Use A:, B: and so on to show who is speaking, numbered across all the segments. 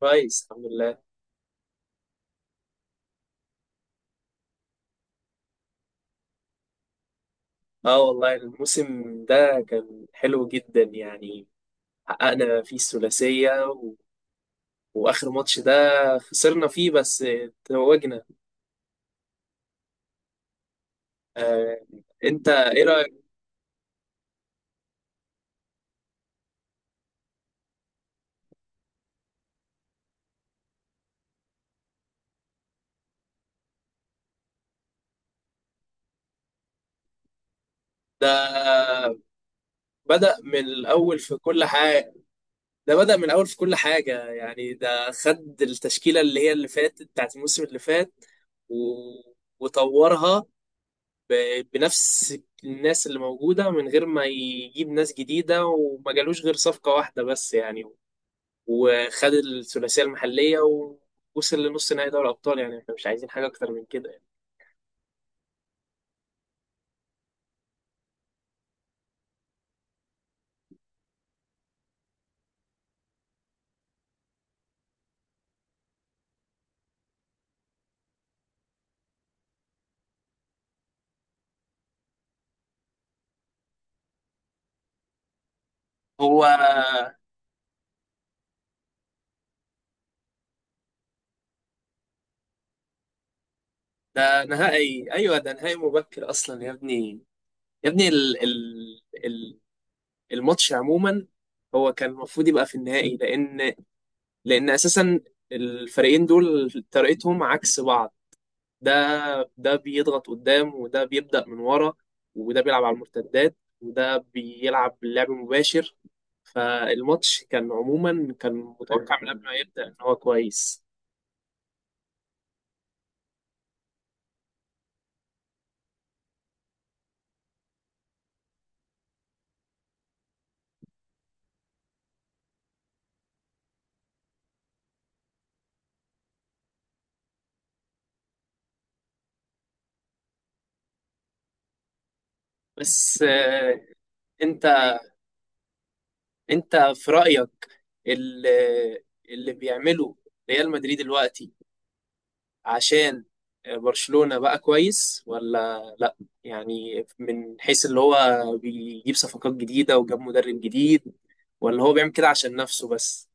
A: كويس الحمد لله. اه والله الموسم ده كان حلو جدا يعني. حققنا فيه الثلاثية واخر ماتش ده خسرنا فيه بس توجنا. آه... انت ايه رأيك؟ ده بدأ من الاول في كل حاجة. ده بدأ من الاول في كل حاجة يعني ده خد التشكيلة اللي هي اللي فاتت بتاعت الموسم اللي فات و... وطورها بنفس الناس اللي موجودة من غير ما يجيب ناس جديدة، وما جالوش غير صفقة واحدة بس يعني. وخد الثلاثية المحلية ووصل لنص نهائي دوري الأبطال، يعني احنا مش عايزين حاجة أكتر من كده يعني. هو ده نهائي أيوه ده نهائي مبكر أصلا يا ابني. يا ابني الماتش عموما هو كان المفروض يبقى في النهائي، لأن أساسا الفريقين دول طريقتهم عكس بعض. ده ده بيضغط قدام وده بيبدأ من ورا، وده بيلعب على المرتدات وده بيلعب لعب مباشر. فالماتش كان عموما متوقع من قبل ما يبدأ ان هو كويس. بس انت انت في رأيك اللي, اللي بيعمله ريال مدريد دلوقتي، عشان برشلونة بقى كويس ولا لا؟ يعني من حيث اللي هو بيجيب صفقات جديدة وجاب مدرب جديد، ولا هو بيعمل كده عشان نفسه بس؟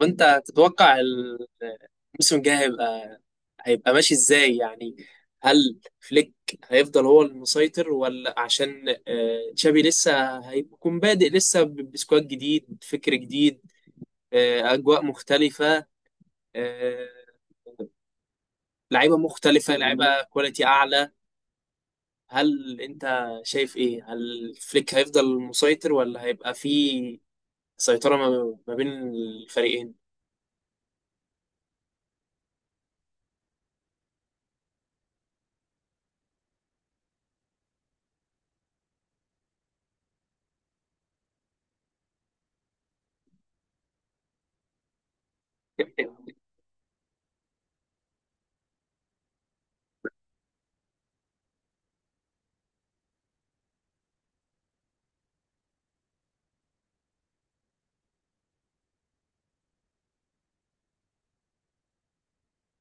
A: وانت تتوقع الموسم الجاي هيبقى ماشي ازاي يعني؟ هل فليك هيفضل هو المسيطر، ولا عشان تشابي لسه هيكون بادئ لسه بسكواد جديد، فكر جديد، اجواء مختلفة، آه، لعيبة مختلفة، لعيبة كواليتي اعلى؟ هل انت شايف ايه؟ هل فليك هيفضل المسيطر، ولا هيبقى في سيطرة ما بين الفريقين؟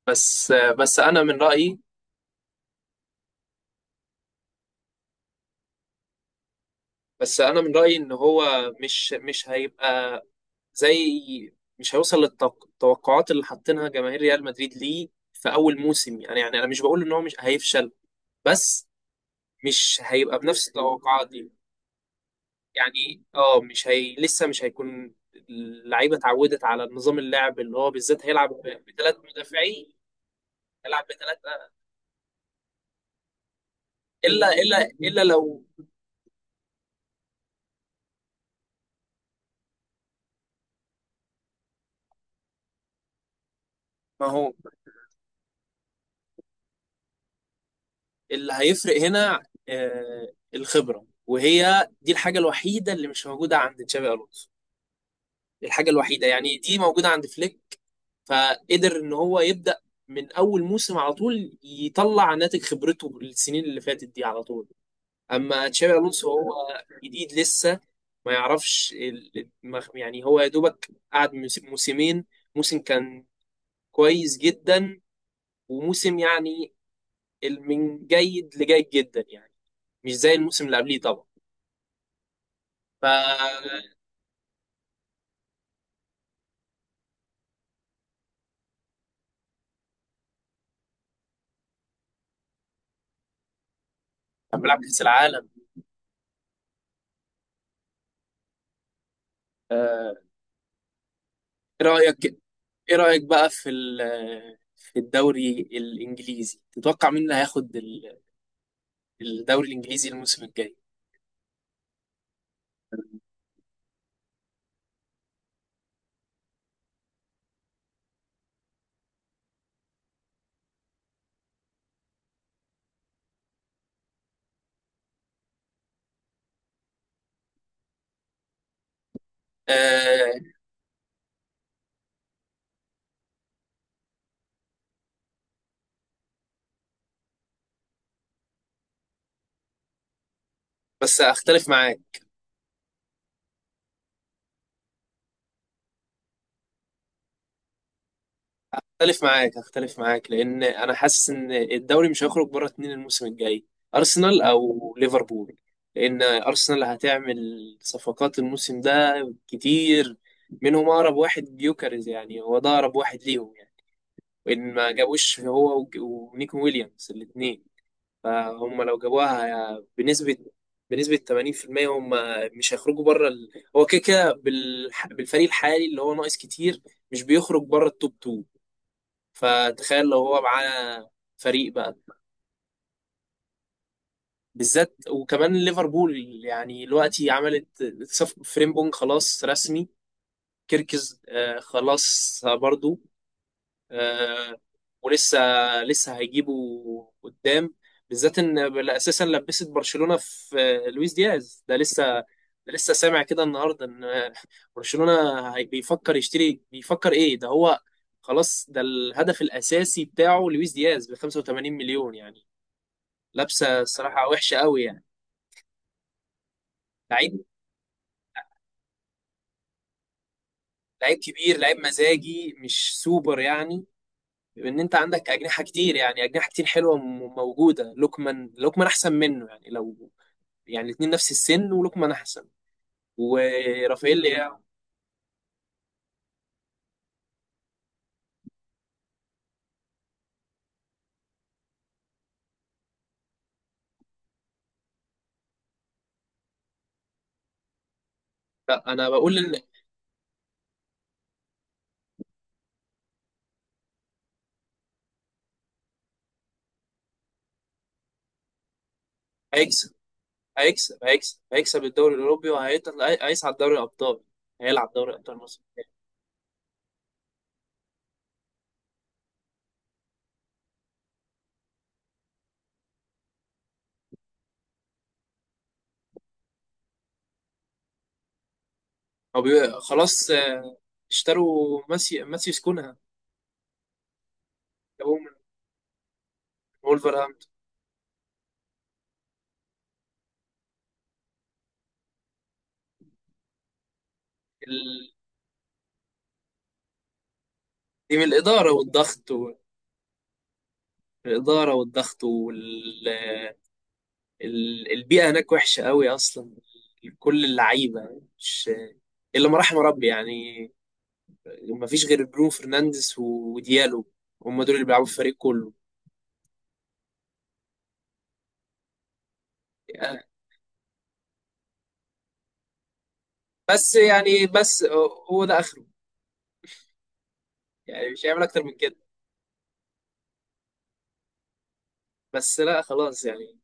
A: بس بس انا من رايي ان هو مش هيبقى زي مش هيوصل للتوقعات اللي حاطينها جماهير ريال مدريد ليه في اول موسم يعني. يعني انا مش بقول ان هو مش هيفشل، بس مش هيبقى بنفس التوقعات دي. يعني مش هي لسه مش هيكون اللعيبه اتعودت على نظام اللعب اللي هو بالذات هيلعب بثلاث مدافعين. هيلعب بثلاثه. الا الا الا لو ما هو اللي هيفرق هنا الخبرة، وهي دي الحاجة الوحيدة اللي مش موجودة عند تشابي ألونسو. الحاجة الوحيدة يعني دي موجودة عند فليك، فقدر إن هو يبدأ من أول موسم على طول يطلع ناتج خبرته السنين اللي فاتت دي على طول. أما تشابي ألونسو هو جديد لسه، ما يعرفش يعني هو يا دوبك قعد موسمين. موسم كان كويس جدا، وموسم يعني من جيد لجيد جدا يعني، مش زي الموسم اللي قبليه طبعا. فلما بلعب كأس العالم آه، ايه رأيك؟ ايه رأيك بقى في في الدوري الإنجليزي؟ تتوقع مين اللي هياخد الدوري الإنجليزي الموسم الجاي؟ آه، بس اختلف معاك. اختلف معاك لأن انا حاسس ان الدوري مش هيخرج بره اتنين الموسم الجاي، أرسنال او ليفربول. لأن أرسنال هتعمل صفقات الموسم ده كتير، منهم أقرب واحد جيوكاريز، يعني هو ده أقرب واحد ليهم يعني. وان ما جابوش هو ونيكون ويليامز الاثنين، فهم لو جابوها بنسبه 80% هم مش هيخرجوا بره هو كده كده بالفريق الحالي اللي هو ناقص كتير مش بيخرج بره التوب 2. فتخيل لو هو معاه فريق بقى، بالذات وكمان ليفربول. يعني دلوقتي عملت صف فريمبونج خلاص رسمي، كيركز خلاص برضو، آه، ولسه هيجيبوا قدام. بالذات ان اساسا لبست برشلونه في لويس دياز، ده لسه سامع كده النهارده ان برشلونه هي- بيفكر يشتري بيفكر ايه ده هو خلاص ده الهدف الاساسي بتاعه لويس دياز ب 85 مليون يعني. لابسه الصراحه وحشه قوي يعني. لعيب لعيب كبير، لعيب مزاجي مش سوبر يعني. ان انت عندك اجنحه كتير، يعني اجنحه كتير حلوه موجوده، لوكمان احسن منه يعني. لو يعني الاتنين نفس السن، ولوكمان احسن ورافائيل لياو. لا انا بقول ان هيكسب هيكسب الدوري الاوروبي، هيصعد دوري الابطال. هيلعب دوري الابطال الموسم الجاي. خلاص اشتروا ماسيوس كونها، جابوه من وولفرهامبتون. ال- دي من الاداره والضغط الإدارة والضغط والبيئة هناك وحشة قوي أصلا. كل اللعيبة مش إلا ما رحم ربي يعني، مفيش غير برونو فرنانديز وديالو، هم دول اللي بيلعبوا في الفريق كله. يعني يعني بس هو ده اخره. يعني مش هيعمل اكتر من كده بس. لا خلاص يعني.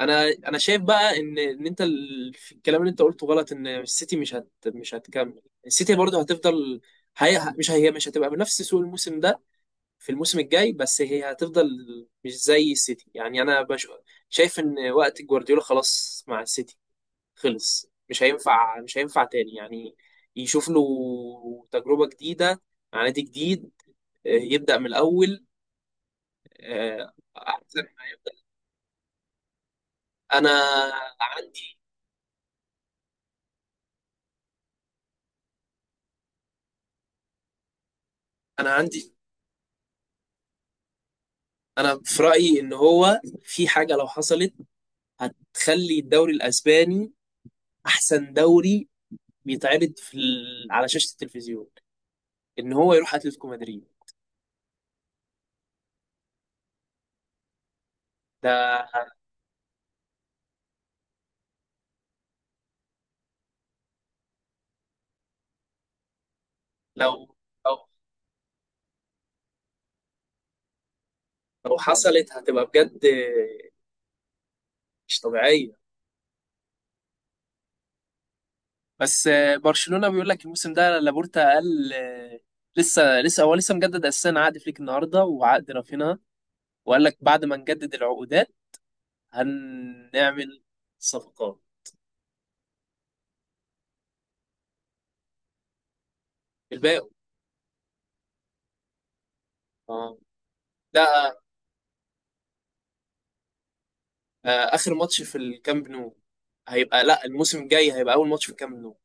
A: انا شايف بقى ان في الكلام اللي انت قلته غلط، ان السيتي مش هتكمل. السيتي برضه هتفضل، هي مش هتبقى بنفس سوق الموسم ده في الموسم الجاي، بس هي هتفضل. مش زي السيتي يعني. شايف ان وقت جوارديولا خلاص مع السيتي خلص. مش هينفع تاني يعني. يشوف له تجربة جديدة مع نادي جديد، يبدأ من الأول، أحسن ما يبدأ. أنا عندي أنا عندي أنا في رأيي إن هو في حاجة لو حصلت هتخلي الدوري الأسباني أحسن دوري بيتعرض على شاشة التلفزيون، إن هو يروح أتلتيكو مدريد. ده لو لو لو حصلت هتبقى بجد مش طبيعية. بس برشلونة بيقول لك الموسم ده، لابورتا قال لسه لسه هو لسه مجدد اساسا عقد فليك النهارده وعقد رافينها، وقال لك بعد ما نجدد العقودات هنعمل صفقات الباقي. اه ده اخر ماتش في الكامب نو هيبقى، لا الموسم الجاي هيبقى اول ماتش في الكامب نو.